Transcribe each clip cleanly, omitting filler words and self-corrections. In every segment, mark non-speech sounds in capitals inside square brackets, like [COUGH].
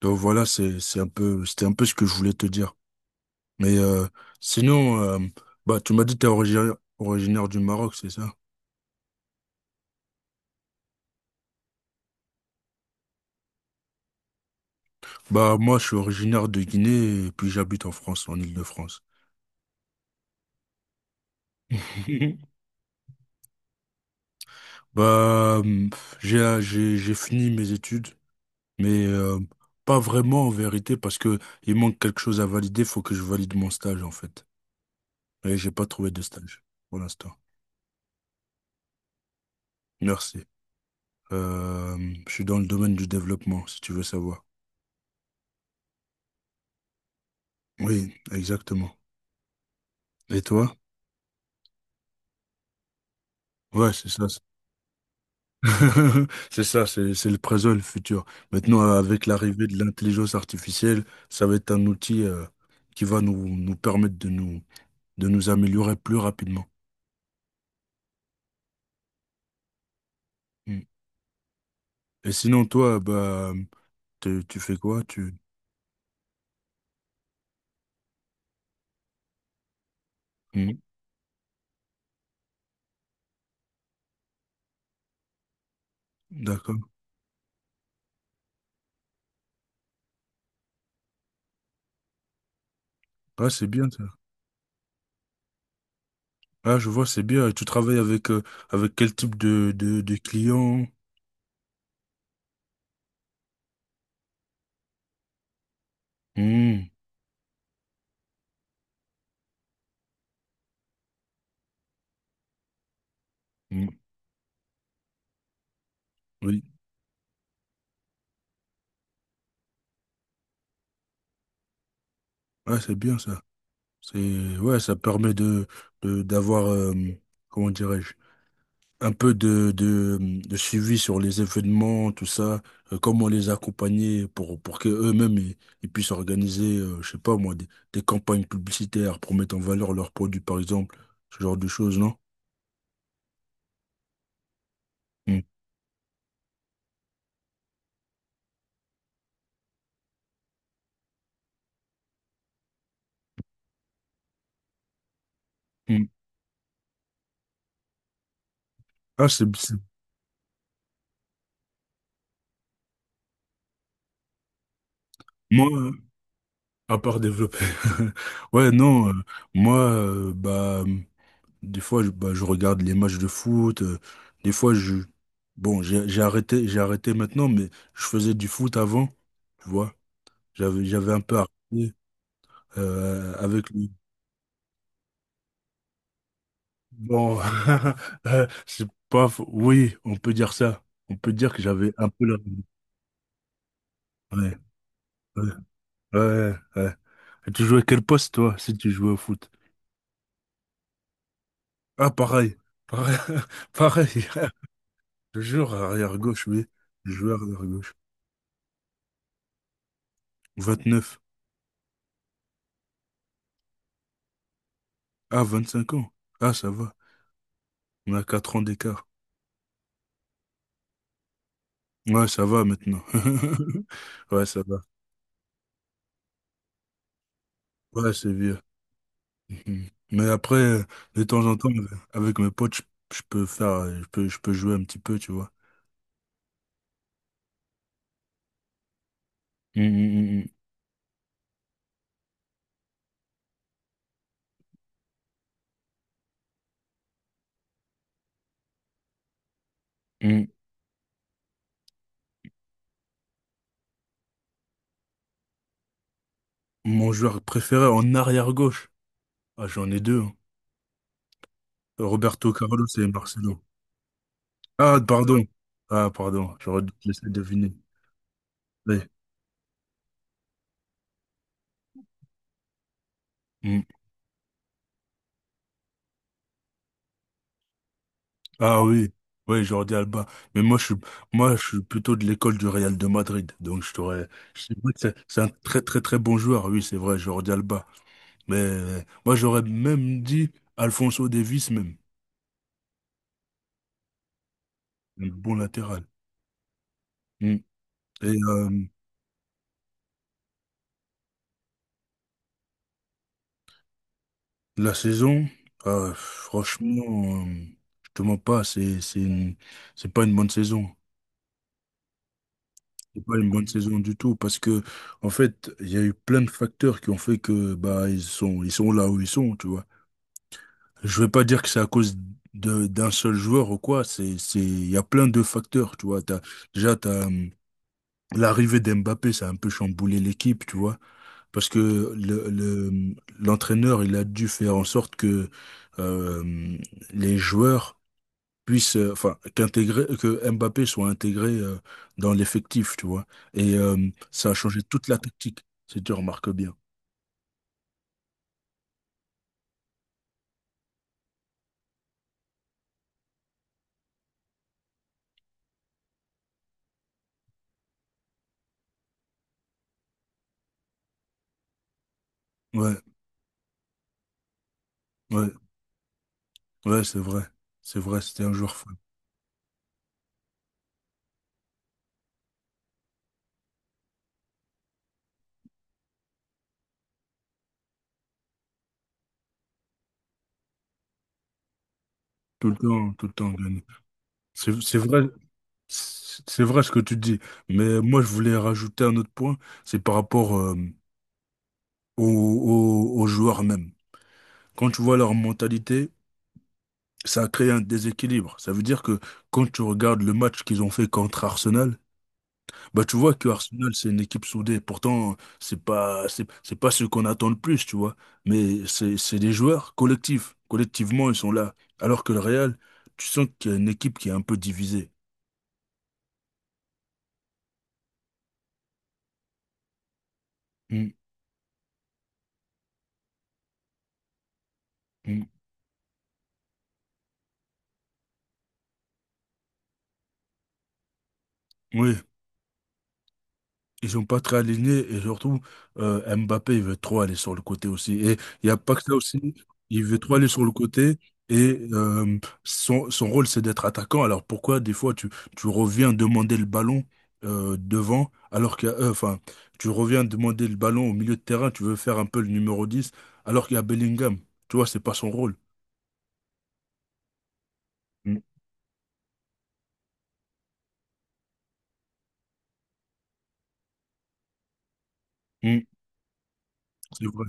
Donc voilà, c'est un peu c'était un peu ce que je voulais te dire. Mais sinon, bah tu m'as dit que t'es originaire du Maroc, c'est ça? Bah moi je suis originaire de Guinée et puis j'habite en France, en Île-de-France. [LAUGHS] Bah j'ai fini mes études, mais pas vraiment en vérité parce que il manque quelque chose à valider, faut que je valide mon stage en fait. Et j'ai pas trouvé de stage pour l'instant. Merci. Euh, je suis dans le domaine du développement, si tu veux savoir. Oui, exactement. Et toi? Ouais, c'est ça. C'est [LAUGHS] c'est ça, c'est le présent, le futur. Maintenant, avec l'arrivée de l'intelligence artificielle, ça va être un outil qui va nous permettre de nous améliorer plus rapidement. Mm. Et sinon, toi, bah, tu fais quoi? Tu... Mm. D'accord. Ah, c'est bien ça. Ah, je vois, c'est bien. Et tu travailles avec, avec quel type de clients? Mm. Mm. Oui. Ah, c'est bien ça. C'est, ouais, ça permet d'avoir, comment dirais-je? Un peu de suivi sur les événements, tout ça, comment les accompagner pour que eux-mêmes ils puissent organiser, je sais pas moi, des campagnes publicitaires pour mettre en valeur leurs produits, par exemple, ce genre de choses, non? Mm. Mm. Ah, moi, à part développer, [LAUGHS] ouais, non, moi, bah, des fois, je, bah, je regarde les matchs de foot, des fois, je, bon, j'ai arrêté maintenant, mais je faisais du foot avant. Tu vois, j'avais un peu arrêté avec le... Bon, [LAUGHS] c'est pas... faux. Oui, on peut dire ça. On peut dire que j'avais un peu la... Ouais, ouais, ouais. Et tu jouais quel poste, toi, si tu jouais au foot? Ah, pareil. Pareil. [LAUGHS] Pareil. Toujours arrière-gauche, oui. Je jouais arrière-gauche. 29. Ah, 25 ans. Ah, ça va. On a 4 ans d'écart. Ouais, ça va maintenant. [LAUGHS] Ouais, ça va. Ouais, c'est vieux. Mm. Mais après, de temps en temps, avec mes potes, je peux faire, je peux jouer un petit peu, tu vois. Mm, mm. Mon joueur préféré en arrière-gauche. Ah, j'en ai deux, hein. Roberto Carlos et Marcelo. Ah, pardon. Ah, pardon. J'aurais dû te laisser deviner. Oui. Mm. Ah oui. Oui, Jordi Alba. Mais moi, je suis, moi, je suis plutôt de l'école du Real de Madrid. Donc, je t'aurais, je sais pas que c'est un très, très, très bon joueur. Oui, c'est vrai, Jordi Alba. Mais moi, j'aurais même dit Alfonso Davies même. Un bon latéral. Mm. Et la saison, franchement, je te mens pas, c'est pas une bonne saison. C'est pas une bonne saison du tout parce que, en fait, il y a eu plein de facteurs qui ont fait que, bah, ils sont là où ils sont, tu vois. Je vais pas dire que c'est à cause de, d'un seul joueur ou quoi, il y a plein de facteurs, tu vois. T'as, déjà, t'as, l'arrivée d'Mbappé, ça a un peu chamboulé l'équipe, tu vois. Parce que le, l'entraîneur, il a dû faire en sorte que euh, les joueurs puissent, enfin, que Mbappé soit intégré dans l'effectif, tu vois. Et ça a changé toute la tactique, si tu remarques bien. Ouais, ouais, ouais, c'est vrai. C'est vrai, c'était un joueur fou. Tout le temps gagné. C'est vrai, c'est c'est vrai ce que tu dis. Mais moi, je voulais rajouter un autre point, c'est par rapport aux joueurs même. Quand tu vois leur mentalité, ça a créé un déséquilibre. Ça veut dire que quand tu regardes le match qu'ils ont fait contre Arsenal, bah tu vois que Arsenal c'est une équipe soudée. Pourtant, c'est pas ce qu'on attend le plus, tu vois. Mais c'est des joueurs collectifs. Collectivement, ils sont là. Alors que le Real, tu sens qu'il y a une équipe qui est un peu divisée. Mm, mm. Oui. Ils sont pas très alignés et surtout Mbappé il veut trop aller sur le côté aussi et il y a pas que ça aussi il veut trop aller sur le côté et son, son rôle c'est d'être attaquant alors pourquoi des fois tu, tu reviens demander le ballon devant alors qu'il y a enfin tu reviens demander le ballon au milieu de terrain tu veux faire un peu le numéro 10 alors qu'il y a Bellingham tu vois c'est pas son rôle. Mm, mm, c'est vrai.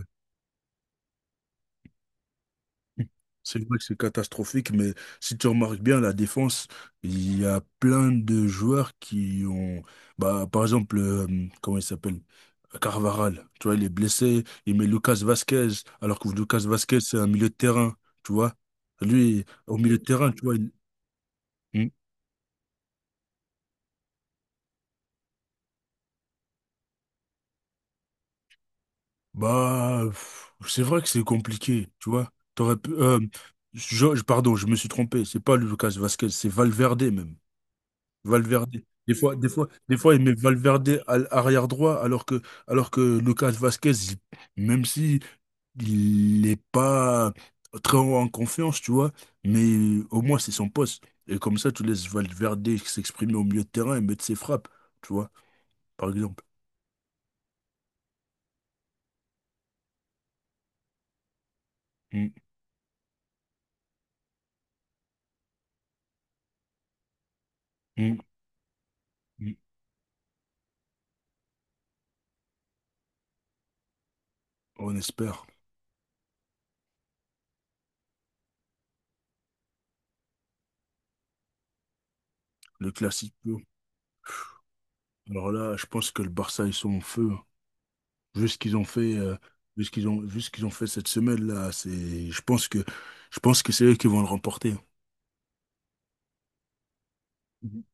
C'est vrai que c'est catastrophique, mais si tu remarques bien la défense, il y a plein de joueurs qui ont, bah, par exemple, comment il s'appelle? Carvaral, tu vois, il est blessé, il met Lucas Vasquez, alors que Lucas Vasquez, c'est un milieu de terrain, tu vois. Lui, au milieu de terrain, tu vois, Hmm. Bah, pff, c'est vrai que c'est compliqué, tu vois. T'aurais pu, pardon, je me suis trompé, c'est pas Lucas Vasquez, c'est Valverde même. Valverde. Des fois, il met Valverde à l'arrière droit, alors que Lucas Vasquez, même si il n'est pas très en confiance, tu vois, mais au moins c'est son poste. Et comme ça, tu laisses Valverde s'exprimer au milieu de terrain et mettre ses frappes, tu vois, par exemple. Mm, mm, mm. On espère. Le classique. Alors là, je pense que le Barça, ils sont en feu, hein. Vu ce qu'ils ont fait, vu ce qu'ils ont fait cette semaine-là, c'est, je pense que c'est eux qui vont le remporter. Mhm.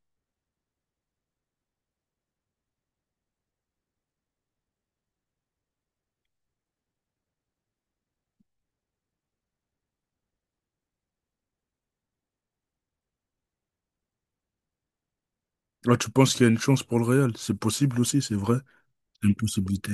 Là, tu penses qu'il y a une chance pour le Real? C'est possible aussi, c'est vrai. C'est une possibilité.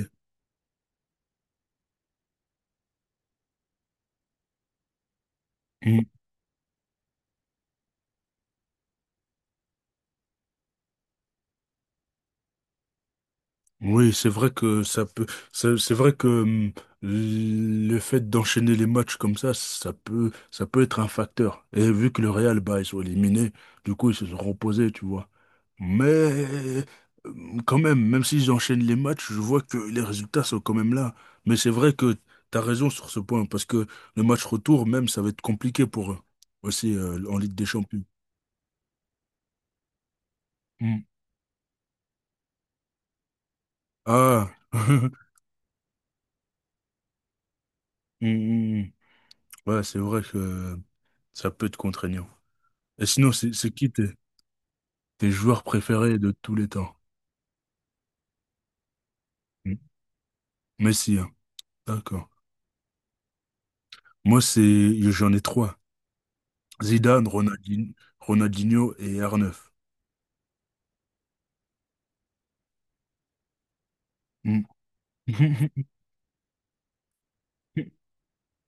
Oui, c'est vrai que ça peut, c'est vrai que le fait d'enchaîner les matchs comme ça, ça peut être un facteur. Et vu que le Real, bah, ils sont éliminés, du coup, ils se sont reposés, tu vois. Mais quand même, même s'ils enchaînent les matchs, je vois que les résultats sont quand même là. Mais c'est vrai que t'as raison sur ce point, parce que le match retour, même, ça va être compliqué pour eux, aussi, en Ligue des Champions. Hum. Ah, [LAUGHS] Hum, hum. Ouais, c'est vrai que ça peut être contraignant. Et sinon, c'est qui tes, tes joueurs préférés de tous les temps? Mm. Messi, hein. D'accord. Moi, c'est, j'en ai trois. Zidane, Ronaldinho et R9. Mm. [LAUGHS]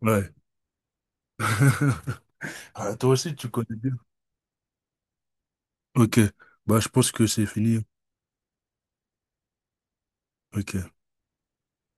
Ouais. [LAUGHS] Ah, toi aussi, tu connais bien. Ok. Bah, je pense que c'est fini. Ok.